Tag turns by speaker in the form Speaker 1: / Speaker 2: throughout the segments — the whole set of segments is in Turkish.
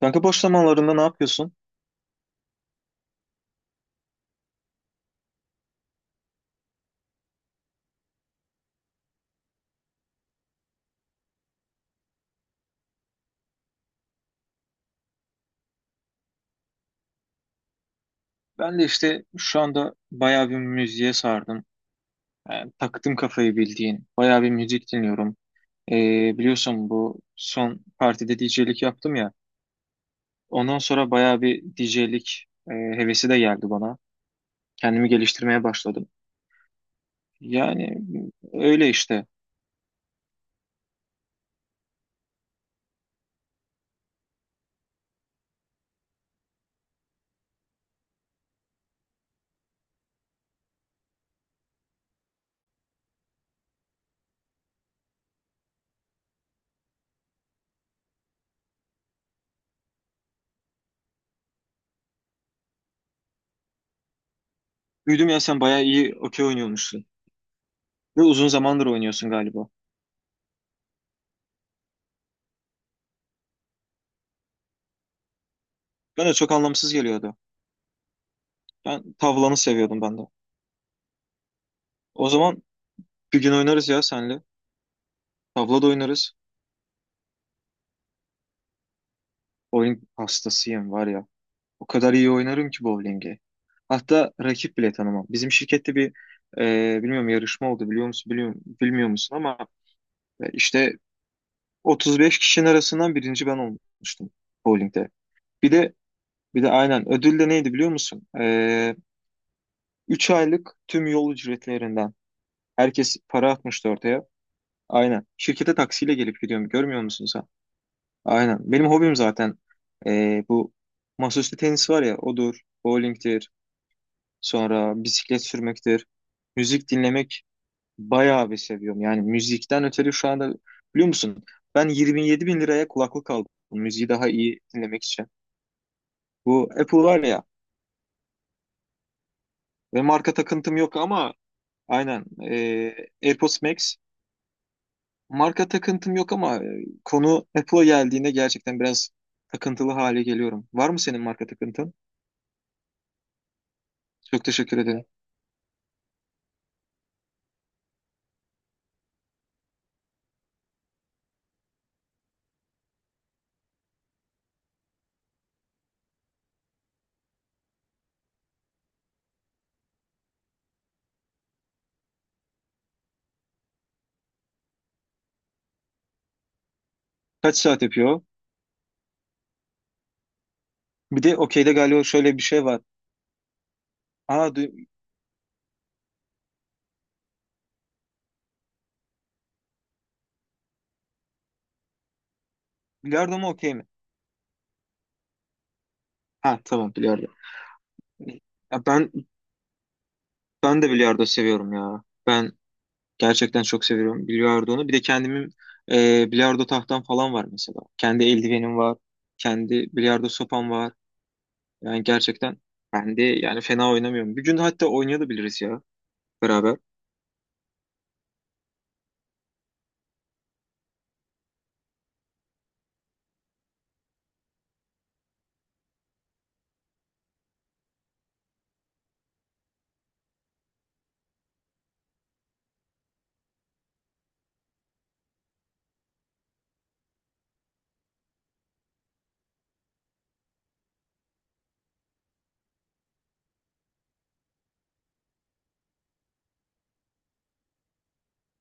Speaker 1: Kanka boş zamanlarında ne yapıyorsun? Ben de işte şu anda bayağı bir müziğe sardım. Yani taktım kafayı bildiğin. Bayağı bir müzik dinliyorum. Biliyorsun bu son partide DJ'lik yaptım ya. Ondan sonra bayağı bir DJ'lik hevesi de geldi bana. Kendimi geliştirmeye başladım. Yani öyle işte. Duydum ya sen bayağı iyi okey oynuyormuşsun. Ve uzun zamandır oynuyorsun galiba. Bana de çok anlamsız geliyordu. Ben tavlanı seviyordum ben de. O zaman bir gün oynarız ya senle. Tavla da oynarız. Oyun hastasıyım var ya. O kadar iyi oynarım ki bowling'i. Hatta rakip bile tanımam. Bizim şirkette bir bilmiyorum yarışma oldu, biliyor musun, biliyor, bilmiyor musun, ama işte 35 kişinin arasından birinci ben olmuştum bowling'de. Bir de bir de aynen ödül de neydi biliyor musun? 3 aylık tüm yol ücretlerinden herkes para atmıştı ortaya. Aynen. Şirkete taksiyle gelip gidiyorum. Görmüyor musun sen? Aynen. Benim hobim zaten bu masaüstü tenis var ya, odur, bowling'tir. Sonra bisiklet sürmektir. Müzik dinlemek bayağı bir seviyorum. Yani müzikten ötürü şu anda biliyor musun? Ben 27 bin liraya kulaklık aldım. Müziği daha iyi dinlemek için. Bu Apple var ya ve marka takıntım yok ama aynen AirPods Max, marka takıntım yok ama konu Apple'a geldiğinde gerçekten biraz takıntılı hale geliyorum. Var mı senin marka takıntın? Çok teşekkür ederim. Kaç saat yapıyor? Bir de okeyde galiba şöyle bir şey var. Aa, bilardo mu, okey mi? Ha, tamam, bilardo. Ya ben de bilardo seviyorum ya. Ben gerçekten çok seviyorum bilardonu. Bir de kendimin bilardo tahtam falan var mesela. Kendi eldivenim var. Kendi bilardo sopam var. Yani gerçekten ben de yani fena oynamıyorum. Bir gün hatta oynayabiliriz ya beraber.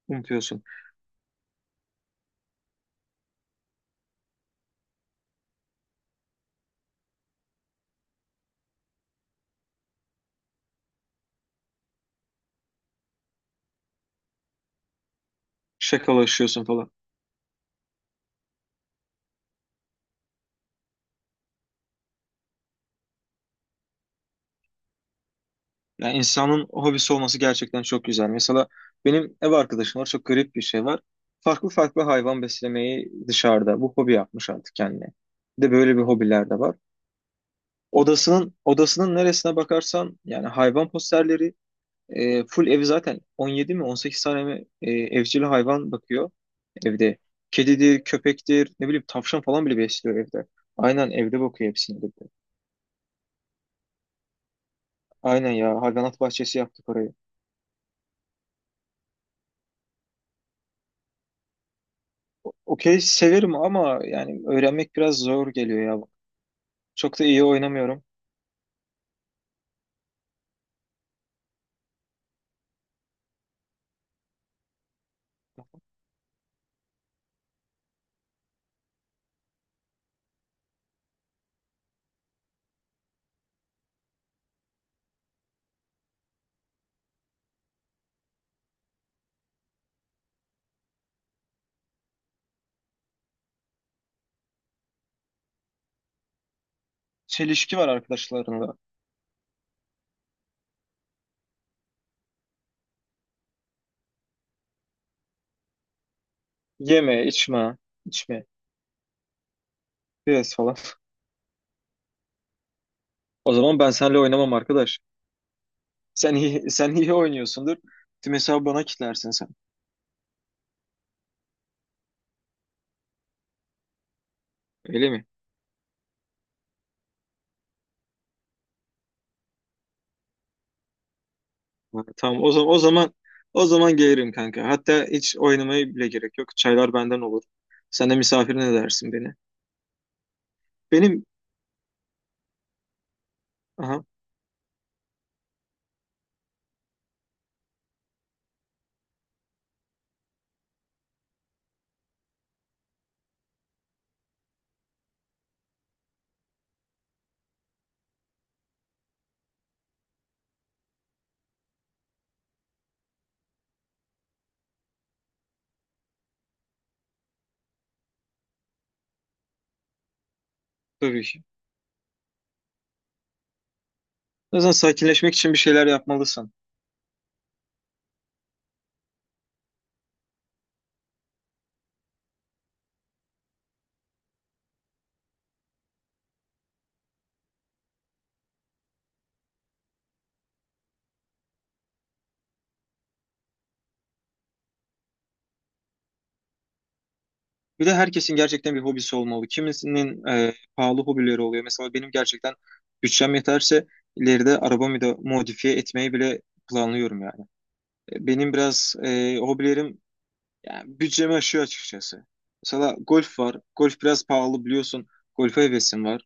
Speaker 1: Unutuyorsun. Şakalaşıyorsun falan. Yani insanın hobisi olması gerçekten çok güzel. Mesela benim ev arkadaşım var. Çok garip bir şey var. Farklı farklı hayvan beslemeyi dışarıda. Bu hobi yapmış artık kendine. Bir de böyle bir hobiler de var. Odasının neresine bakarsan yani hayvan posterleri, full evi zaten 17 mi 18 tane mi evcil hayvan bakıyor evde. Kedidir, köpektir, ne bileyim tavşan falan bile besliyor evde. Aynen evde bakıyor hepsini de. Aynen ya, hayvanat bahçesi yaptık orayı. Okey severim ama yani öğrenmek biraz zor geliyor ya. Çok da iyi oynamıyorum. Çelişki var arkadaşlarımla. Yeme, içme, biraz falan. O zaman ben seninle oynamam arkadaş. Sen iyi, sen iyi oynuyorsundur. Tüm hesabı bana kitlersin sen. Öyle mi? Ha, tamam, o zaman gelirim kanka. Hatta hiç oynamaya bile gerek yok. Çaylar benden olur. Sen de misafirin edersin beni. Benim, aha, tabii ki. O yüzden sakinleşmek için bir şeyler yapmalısın. Bir de herkesin gerçekten bir hobisi olmalı. Kimisinin pahalı hobileri oluyor. Mesela benim gerçekten bütçem yeterse ileride arabamı da modifiye etmeyi bile planlıyorum yani. Benim biraz hobilerim yani bütçemi aşıyor açıkçası. Mesela golf var. Golf biraz pahalı biliyorsun. Golfe hevesim var.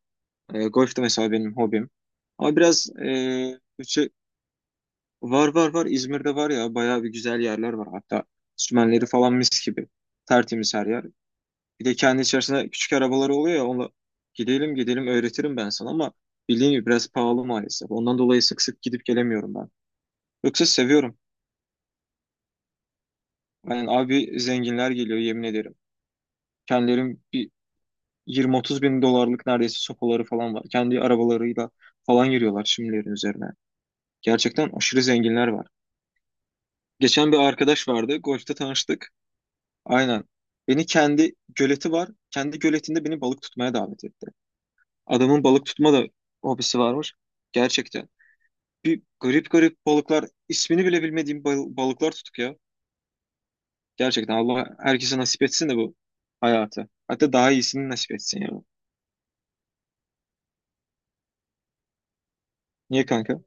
Speaker 1: Golf de mesela benim hobim. Ama biraz bütçe. Var, var, var. İzmir'de var ya, bayağı bir güzel yerler var. Hatta sümenleri falan mis gibi. Tertemiz her yer. Bir de kendi içerisinde küçük arabaları oluyor ya, onunla gidelim gidelim, öğretirim ben sana, ama bildiğin gibi biraz pahalı maalesef. Ondan dolayı sık sık gidip gelemiyorum ben. Yoksa seviyorum. Yani abi zenginler geliyor, yemin ederim. Kendilerim. 20-30 bin dolarlık neredeyse sopaları falan var. Kendi arabalarıyla falan giriyorlar şimdilerin üzerine. Gerçekten aşırı zenginler var. Geçen bir arkadaş vardı. Golf'te tanıştık. Aynen. Beni kendi göleti var. Kendi göletinde beni balık tutmaya davet etti. Adamın balık tutma da hobisi varmış. Gerçekten. Bir garip garip balıklar, ismini bile bilmediğim balıklar tutuk ya. Gerçekten Allah herkese nasip etsin de bu hayatı. Hatta daha iyisini nasip etsin ya. Niye kanka?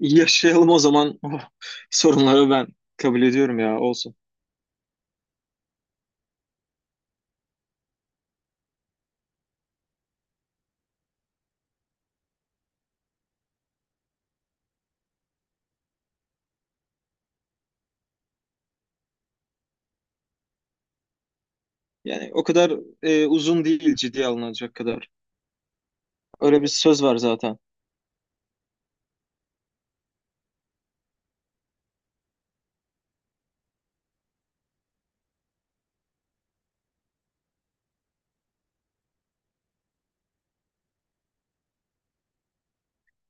Speaker 1: Yaşayalım o zaman. Oh, sorunları ben kabul ediyorum ya, olsun. Yani o kadar uzun değil ciddiye alınacak kadar. Öyle bir söz var zaten.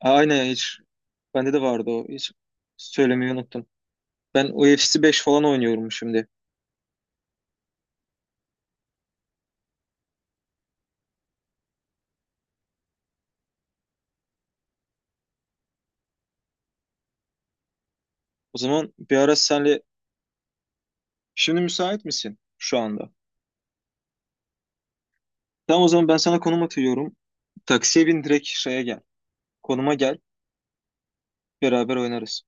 Speaker 1: Ha, aynen, hiç, bende de vardı o. Hiç söylemeyi unuttum. Ben UFC 5 falan oynuyorum şimdi. O zaman bir ara senle, şimdi müsait misin şu anda? Tamam o zaman ben sana konum atıyorum. Taksiye bin, direkt şeye gel. Konuma gel. Beraber oynarız.